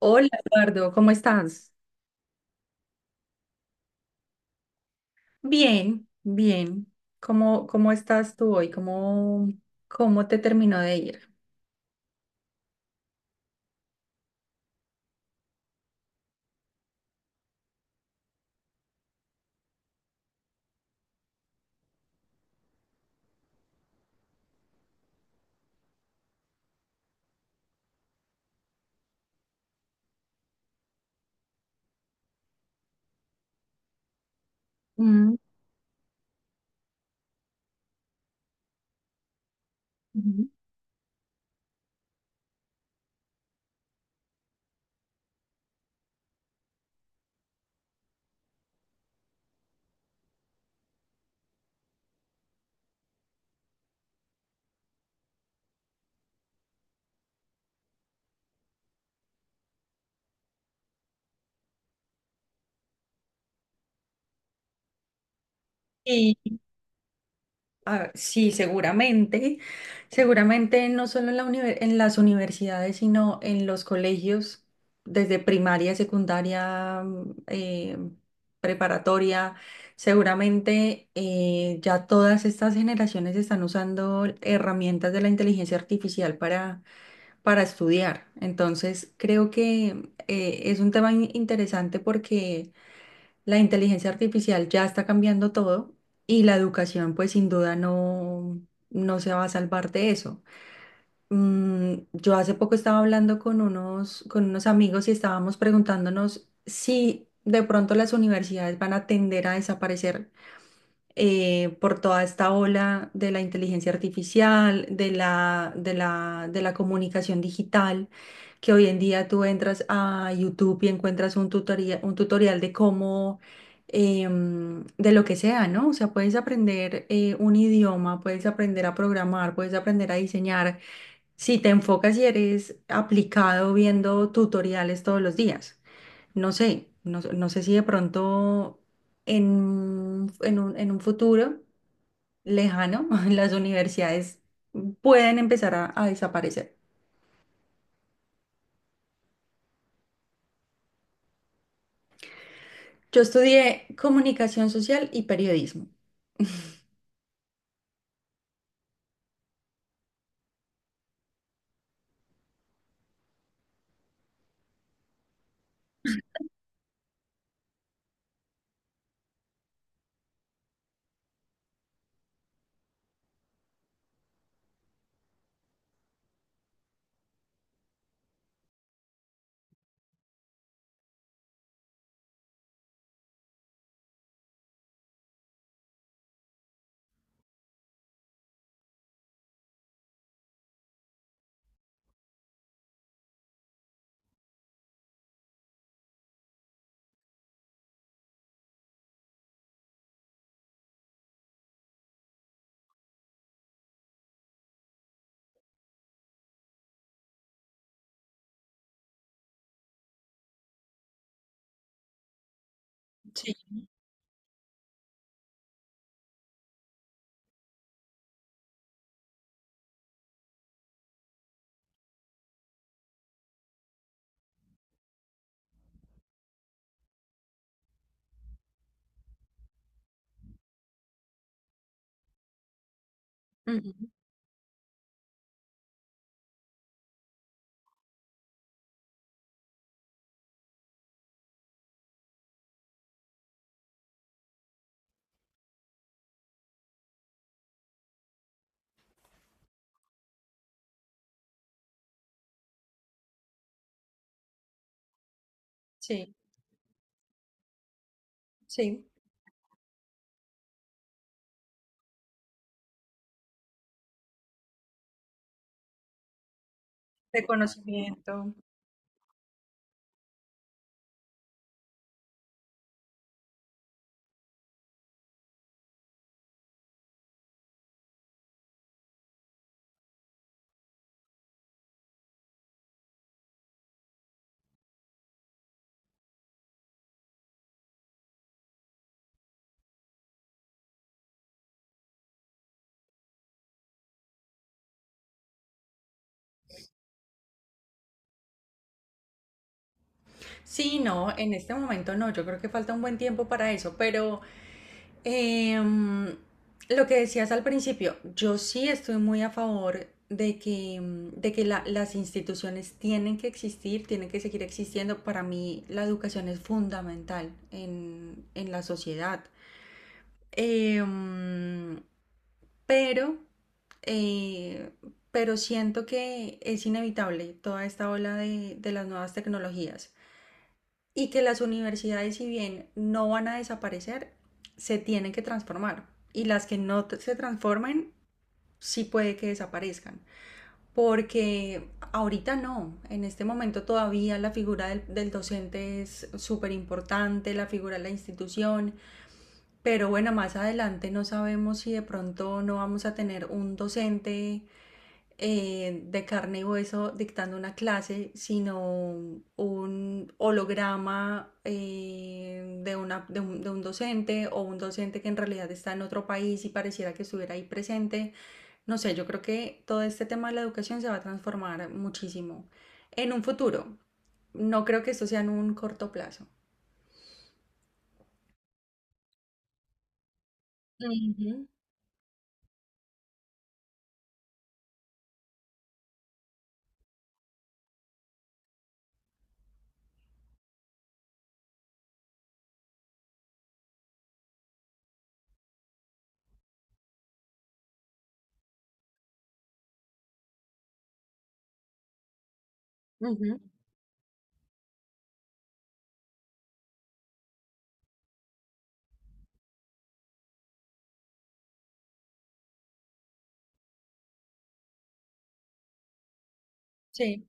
Hola Eduardo, ¿cómo estás? Bien, bien. ¿Cómo estás tú hoy? ¿Cómo te terminó de ir? Mm, ujú. Y, ah, sí, seguramente no solo en las universidades, sino en los colegios, desde primaria, secundaria, preparatoria, seguramente ya todas estas generaciones están usando herramientas de la inteligencia artificial para estudiar. Entonces, creo que es un tema interesante porque la inteligencia artificial ya está cambiando todo y la educación, pues sin duda no se va a salvar de eso. Yo hace poco estaba hablando con unos amigos y estábamos preguntándonos si de pronto las universidades van a tender a desaparecer por toda esta ola de la inteligencia artificial, de la comunicación digital, que hoy en día tú entras a YouTube y encuentras un tutorial de cómo, de lo que sea, ¿no? O sea, puedes aprender un idioma, puedes aprender a programar, puedes aprender a diseñar, si te enfocas y eres aplicado viendo tutoriales todos los días. No sé si de pronto en un futuro lejano las universidades pueden empezar a desaparecer. Yo estudié comunicación social y periodismo. Ujú. Sí, sí, reconocimiento. Sí, no, en este momento no, yo creo que falta un buen tiempo para eso, pero. Em, lo que decías al principio, yo sí estoy muy a favor de que, de que las instituciones tienen que existir, tienen que seguir existiendo. Para mí la educación es fundamental en la sociedad. Em, pero, eh, pero siento que es inevitable toda esta ola de las nuevas tecnologías y que las universidades, si bien no van a desaparecer, se tienen que transformar. Y las que no se transformen, sí puede que desaparezcan. Porque ahorita no, en este momento todavía la figura del docente es súper importante, la figura de la institución, pero bueno, más adelante no sabemos si de pronto no vamos a tener un docente de carne y hueso dictando una clase, sino un holograma de un docente o un docente que en realidad está en otro país y pareciera que estuviera ahí presente. No sé, yo creo que todo este tema de la educación se va a transformar muchísimo en un futuro. No creo que esto sea en un corto plazo. Ujú, ujú, sí.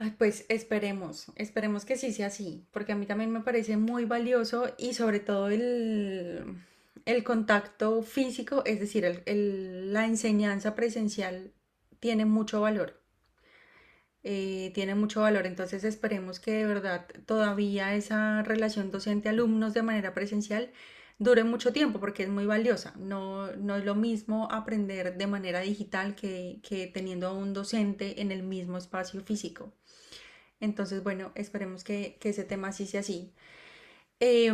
Ay, pues esperemos, esperemos que sí sea así, porque a mí también me parece muy valioso y sobre todo el contacto físico, es decir, la enseñanza presencial tiene mucho valor, tiene mucho valor, entonces esperemos que de verdad todavía esa relación docente-alumnos de manera presencial dure mucho tiempo, porque es muy valiosa, no, no es lo mismo aprender de manera digital que teniendo a un docente en el mismo espacio físico. Entonces, bueno, esperemos que ese tema sí sea así. Eh,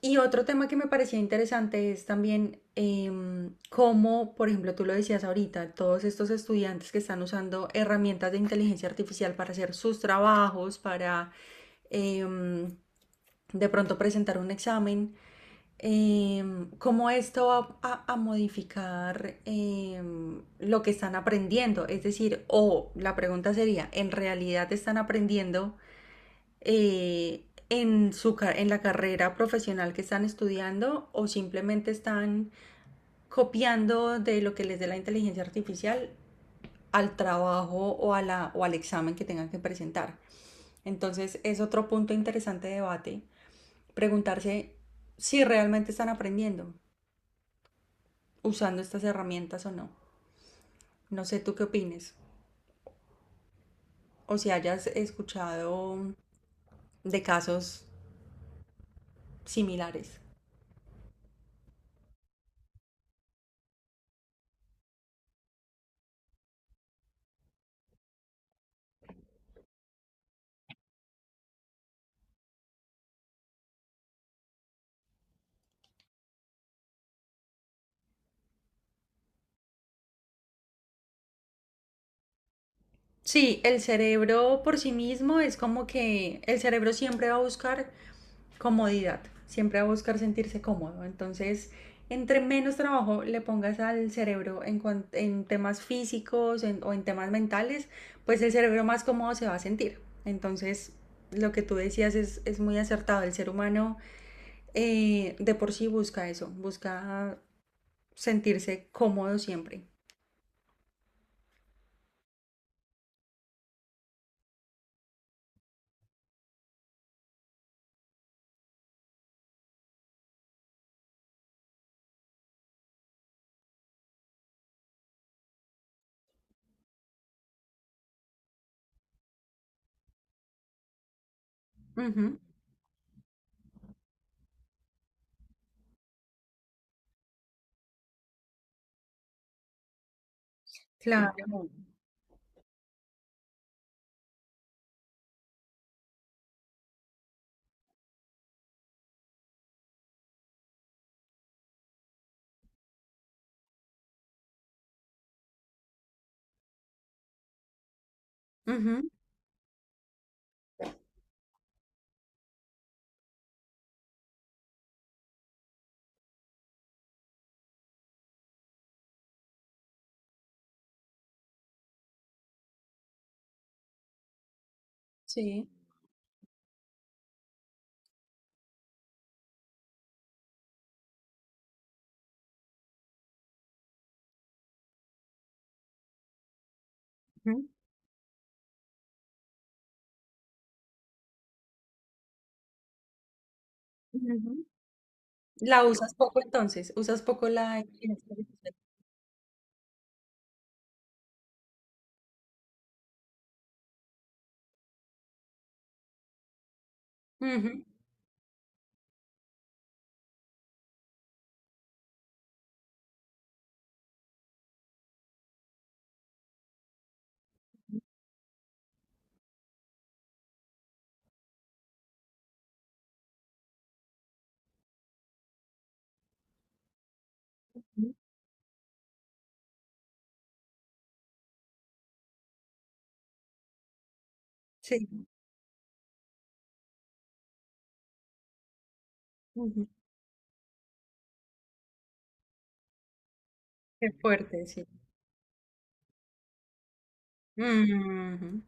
y otro tema que me parecía interesante es también cómo, por ejemplo, tú lo decías ahorita, todos estos estudiantes que están usando herramientas de inteligencia artificial para hacer sus trabajos, para eh, de pronto presentar un examen, eh, cómo esto va a modificar lo que están aprendiendo. Es decir, la pregunta sería, ¿en realidad están aprendiendo? eh, en la carrera profesional que están estudiando o simplemente están copiando de lo que les dé la inteligencia artificial al trabajo o al examen que tengan que presentar. Entonces es otro punto interesante de debate, preguntarse si realmente están aprendiendo usando estas herramientas o no. No sé tú qué opines o si hayas escuchado de casos similares. Sí, el cerebro por sí mismo es como que el cerebro siempre va a buscar comodidad, siempre va a buscar sentirse cómodo. Entonces, entre menos trabajo le pongas al cerebro en temas físicos o en temas mentales, pues el cerebro más cómodo se va a sentir. Entonces, lo que tú decías es muy acertado. El ser humano de por sí busca eso, busca sentirse cómodo siempre. Ujú, claro. Ujú, sí. Ujú, ujú. La usas poco entonces, usas poco la inteligencia artificial. Ujú, ujú, sí, ujú, qué fuerte, sí. Ujú,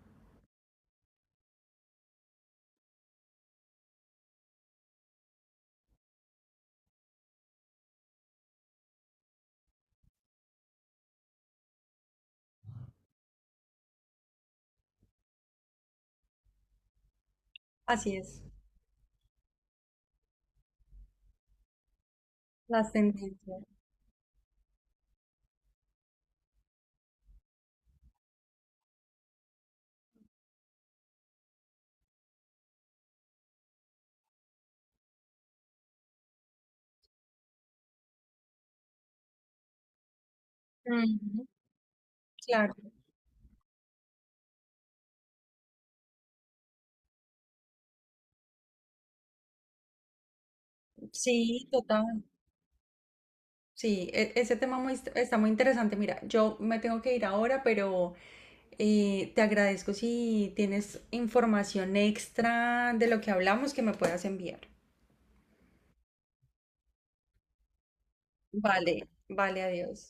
así es, las tendencias. Ujú, claro, sí, total. Sí, ese tema está muy interesante. Mira, yo me tengo que ir ahora, pero te agradezco si tienes información extra de lo que hablamos que me puedas enviar. Vale, vale, adiós.